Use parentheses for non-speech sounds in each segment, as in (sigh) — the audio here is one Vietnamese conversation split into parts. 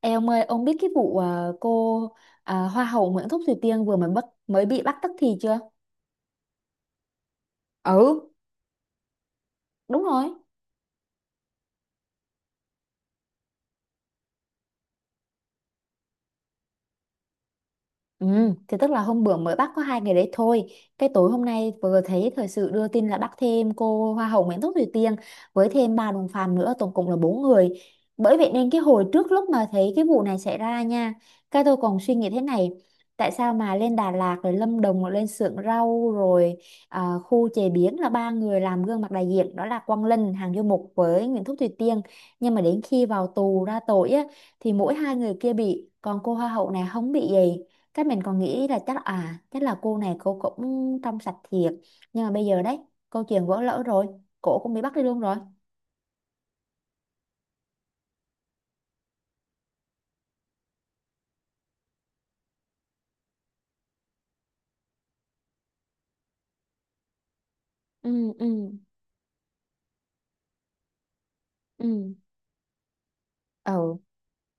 Ê ông ơi, ông biết cái vụ cô Hoa hậu Nguyễn Thúc Thùy Tiên vừa mới bị bắt tức thì chưa? Ừ, đúng rồi. Ừ, thì tức là hôm bữa mới bắt có 2 ngày đấy thôi. Cái tối hôm nay vừa thấy thời sự đưa tin là bắt thêm cô Hoa hậu Nguyễn Thúc Thùy Tiên với thêm ba đồng phạm nữa, tổng cộng là bốn người. Bởi vậy nên cái hồi trước lúc mà thấy cái vụ này xảy ra nha, cái tôi còn suy nghĩ thế này, tại sao mà lên Đà Lạt rồi Lâm Đồng rồi lên xưởng rau rồi khu chế biến là ba người làm gương mặt đại diện đó là Quang Linh, Hằng Du Mục với Nguyễn Thúc Thùy Tiên. Nhưng mà đến khi vào tù ra tội á thì mỗi hai người kia bị, còn cô Hoa hậu này không bị gì, cái mình còn nghĩ là chắc chắc là cô này cô cũng trong sạch thiệt. Nhưng mà bây giờ đấy câu chuyện vỡ lỡ rồi, cổ cũng bị bắt đi luôn rồi. Ừ, ừ, ừ, ừ.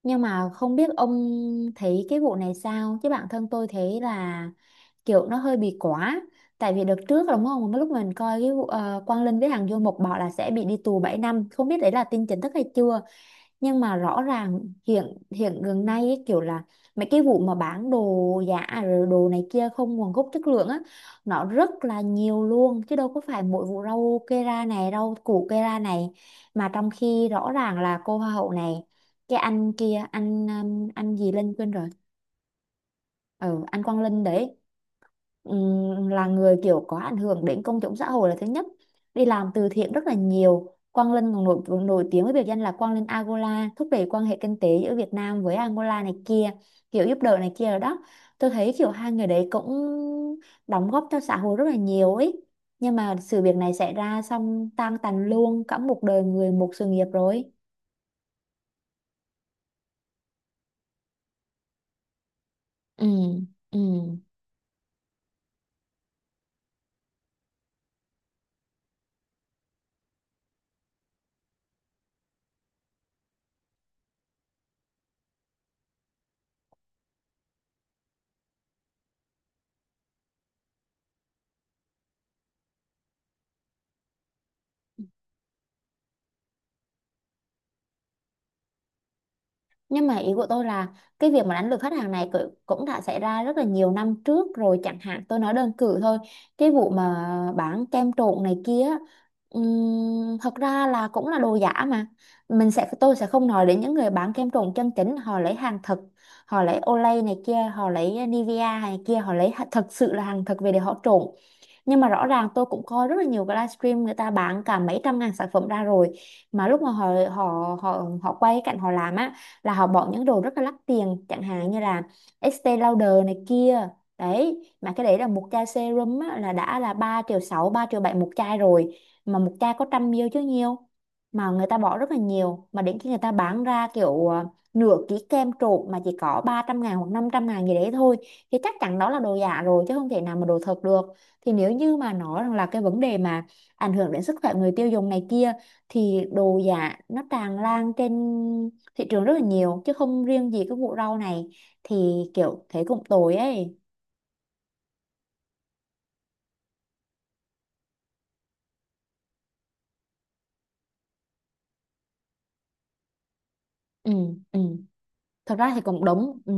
Nhưng mà không biết ông thấy cái vụ này sao chứ bản thân tôi thấy là kiểu nó hơi bị quá. Tại vì đợt trước đúng không, lúc mình coi cái vụ Quang Linh với hàng Du Mục bảo là sẽ bị đi tù 7 năm, không biết đấy là tin chính thức hay chưa. Nhưng mà rõ ràng hiện hiện gần nay ấy, kiểu là mấy cái vụ mà bán đồ giả à, rồi đồ này kia không nguồn gốc chất lượng á, nó rất là nhiều luôn chứ đâu có phải mỗi vụ rau kê ra này rau củ kê ra này. Mà trong khi rõ ràng là cô hoa hậu này cái anh kia anh gì Linh quên rồi. Ừ, anh Quang Linh đấy. Là người kiểu có ảnh hưởng đến công chúng xã hội là thứ nhất, đi làm từ thiện rất là nhiều. Quang Linh còn nổi tiếng với biệt danh là Quang Linh Angola, thúc đẩy quan hệ kinh tế giữa Việt Nam với Angola này kia, kiểu giúp đỡ này kia rồi đó. Tôi thấy kiểu hai người đấy cũng đóng góp cho xã hội rất là nhiều ấy, nhưng mà sự việc này xảy ra xong tan tành luôn cả một đời người, một sự nghiệp rồi. Ừ, ừ. Nhưng mà ý của tôi là cái việc mà đánh lừa khách hàng này cũng đã xảy ra rất là nhiều năm trước rồi, chẳng hạn tôi nói đơn cử thôi cái vụ mà bán kem trộn này kia. Thật ra là cũng là đồ giả mà. Mình sẽ tôi sẽ không nói đến những người bán kem trộn chân chính, họ lấy hàng thật, họ lấy Olay này kia, họ lấy Nivea này kia, họ lấy thật sự là hàng thật về để họ trộn. Nhưng mà rõ ràng tôi cũng coi rất là nhiều cái livestream người ta bán cả mấy trăm ngàn sản phẩm ra rồi, mà lúc mà họ họ họ họ quay cái cảnh họ làm á là họ bỏ những đồ rất là đắt tiền chẳng hạn như là Estee Lauder này kia. Đấy mà cái đấy là một chai serum á, là đã là 3,6 triệu, 3,7 triệu một chai rồi, mà một chai có 100 ml chứ nhiều, mà người ta bỏ rất là nhiều. Mà đến khi người ta bán ra kiểu nửa ký kem trộn mà chỉ có 300.000 hoặc 500.000 gì đấy thôi, thì chắc chắn đó là đồ giả rồi chứ không thể nào mà đồ thật được. Thì nếu như mà nói rằng là cái vấn đề mà ảnh hưởng đến sức khỏe người tiêu dùng này kia, thì đồ giả nó tràn lan trên thị trường rất là nhiều chứ không riêng gì cái vụ rau này, thì kiểu thế cũng tồi ấy. Ừ, ừ, thật ra thì cũng đúng. Ừ,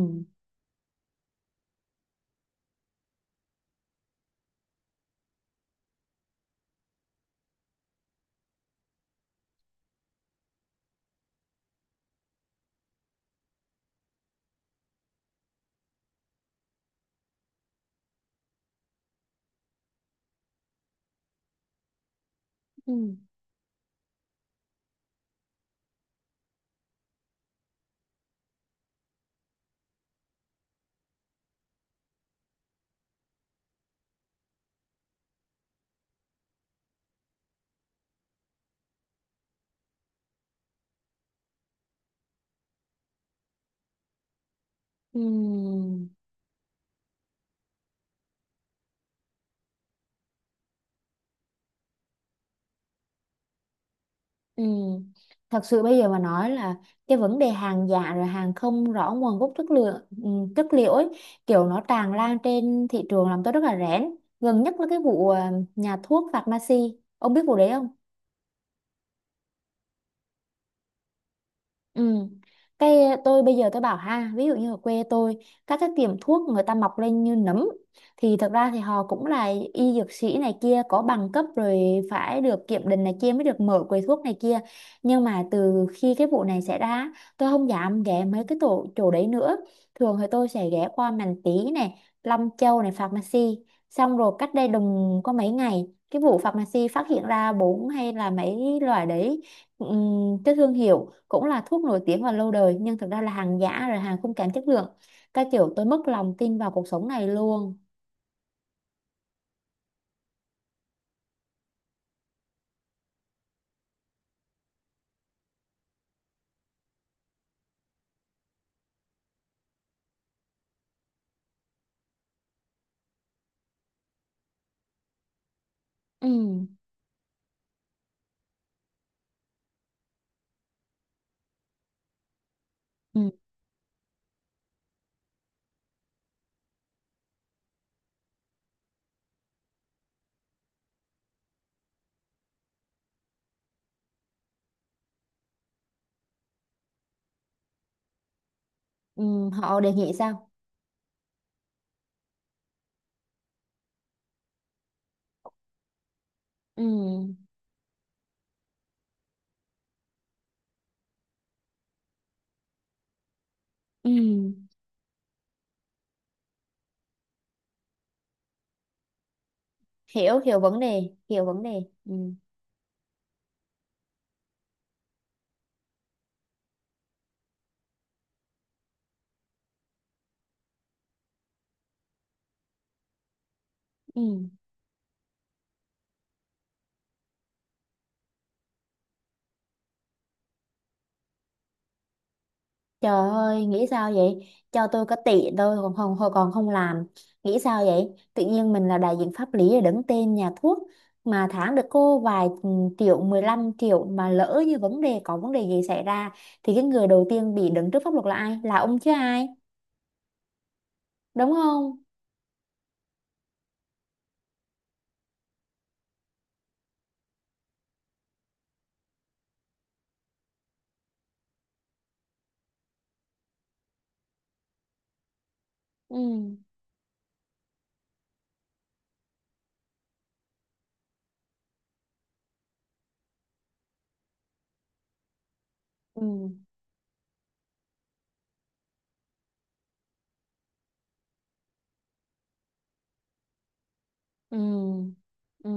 ừ, ừ, ừ. Thật sự bây giờ mà nói là cái vấn đề hàng giả rồi hàng không rõ nguồn gốc chất lượng, ừ, chất liệu ấy, kiểu nó tràn lan trên thị trường làm tôi rất là rén. Gần nhất là cái vụ nhà thuốc Pharmacy, ông biết vụ đấy không? Ừ. Cái tôi bây giờ tôi bảo ha, ví dụ như ở quê tôi, các cái tiệm thuốc người ta mọc lên như nấm thì thật ra thì họ cũng là y dược sĩ này kia có bằng cấp rồi, phải được kiểm định này kia mới được mở quầy thuốc này kia. Nhưng mà từ khi cái vụ này xảy ra, tôi không dám ghé mấy cái tổ chỗ đấy nữa. Thường thì tôi sẽ ghé qua Màn tý này, Long Châu này, Pharmacy. Xong rồi cách đây đùng có mấy ngày, cái vụ Pharmacy phát hiện ra bốn hay là mấy loại đấy, cái thương hiệu cũng là thuốc nổi tiếng và lâu đời nhưng thực ra là hàng giả rồi hàng không kém chất lượng. Cái kiểu tôi mất lòng tin vào cuộc sống này luôn. Ừ, ừ, ừ. Họ đề nghị sao? Ừ, ừ. Hiểu hiểu vấn đề, hiểu vấn đề. Ừ, ừ. Trời ơi, nghĩ sao vậy? Cho tôi có tỷ thôi còn không, hồi còn không làm. Nghĩ sao vậy? Tự nhiên mình là đại diện pháp lý để đứng tên nhà thuốc mà tháng được cô vài, ừ, triệu, 15 triệu, mà lỡ như vấn đề có vấn đề gì xảy ra thì cái người đầu tiên bị đứng trước pháp luật là ai? Là ông chứ ai? Đúng không? Ừ. Ừ. Ừ. Ừ.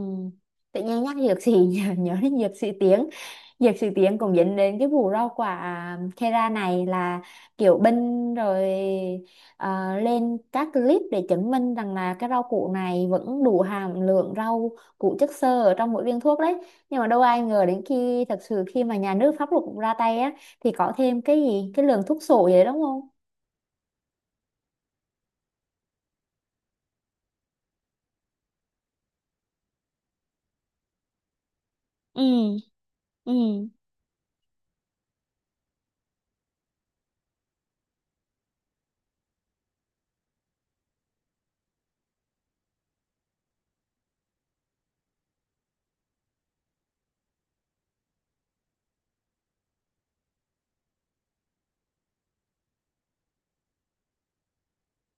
Tự nhiên nhắc dược sĩ (laughs) nhớ đến dược sĩ tiếng cũng dẫn đến cái vụ rau quả Kera này là kiểu binh rồi, lên các clip để chứng minh rằng là cái rau củ này vẫn đủ hàm lượng rau củ chất xơ ở trong mỗi viên thuốc đấy. Nhưng mà đâu ai ngờ đến khi thật sự khi mà nhà nước pháp luật cũng ra tay á thì có thêm cái gì cái lượng thuốc sổ vậy đúng không? Ừ, ừ.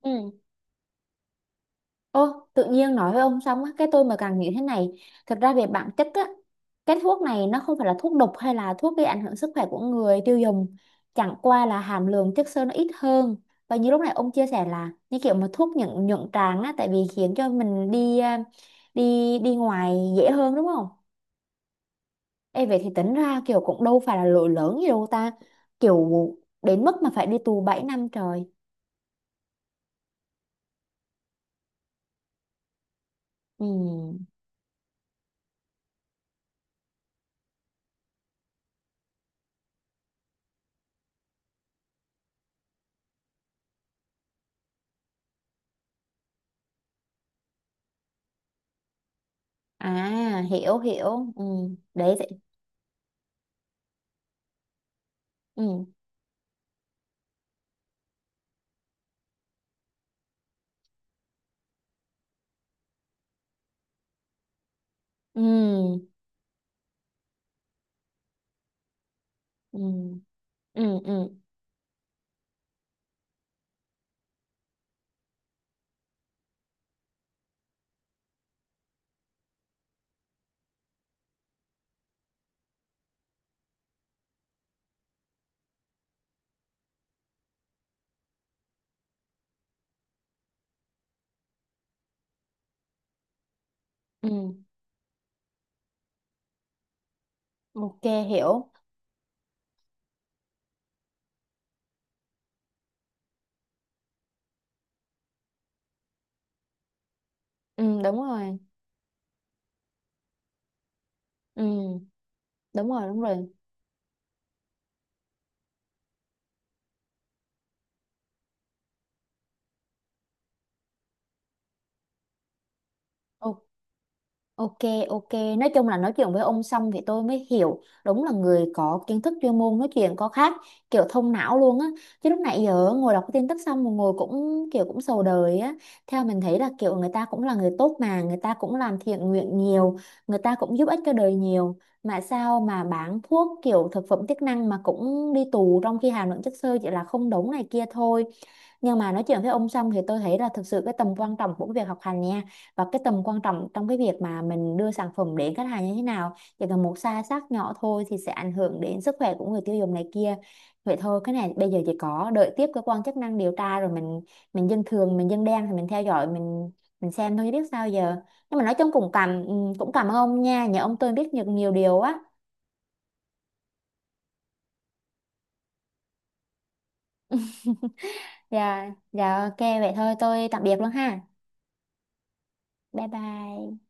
Ừ. Ô, tự nhiên nói với ông xong á, cái tôi mà càng nghĩ thế này, thật ra về bản chất á, cái thuốc này nó không phải là thuốc độc hay là thuốc gây ảnh hưởng sức khỏe của người tiêu dùng, chẳng qua là hàm lượng chất xơ nó ít hơn. Và như lúc này ông chia sẻ là như kiểu mà thuốc nhuận nhuận tràng á, tại vì khiến cho mình đi đi ngoài dễ hơn đúng không? Ê vậy thì tính ra kiểu cũng đâu phải là lỗi lớn gì đâu ta, kiểu đến mức mà phải đi tù 7 năm trời. Ừ. À, hiểu hiểu. Ừ. Đấy vậy. Ừ. Ừ, ừ, ừ, ừ, ừ, ok, hiểu. Ừ, đúng rồi. Ừ, đúng rồi, đúng rồi. Ô- Ok, ok. Nói chung là nói chuyện với ông xong thì tôi mới hiểu đúng là người có kiến thức chuyên môn nói chuyện có khác, kiểu thông não luôn á. Chứ lúc nãy giờ ngồi đọc cái tin tức xong mà ngồi cũng kiểu cũng sầu đời á. Theo mình thấy là kiểu người ta cũng là người tốt mà, người ta cũng làm thiện nguyện nhiều, người ta cũng giúp ích cho đời nhiều. Mà sao mà bán thuốc kiểu thực phẩm chức năng mà cũng đi tù trong khi hàm lượng chất xơ chỉ là không đúng này kia thôi. Nhưng mà nói chuyện với ông xong thì tôi thấy là thực sự cái tầm quan trọng của cái việc học hành nha và cái tầm quan trọng trong cái việc mà mình đưa sản phẩm đến khách hàng như thế nào, chỉ cần một sai sót nhỏ thôi thì sẽ ảnh hưởng đến sức khỏe của người tiêu dùng này kia. Vậy thôi, cái này bây giờ chỉ có đợi tiếp cơ quan chức năng điều tra rồi mình dân thường mình dân đen thì mình theo dõi mình xem thôi chứ biết sao giờ. Nhưng mà nói chung cũng cũng cảm ơn ông nha, nhờ ông tôi biết được nhiều điều á. Dạ dạ ok, vậy thôi tôi tạm biệt luôn ha. Bye bye.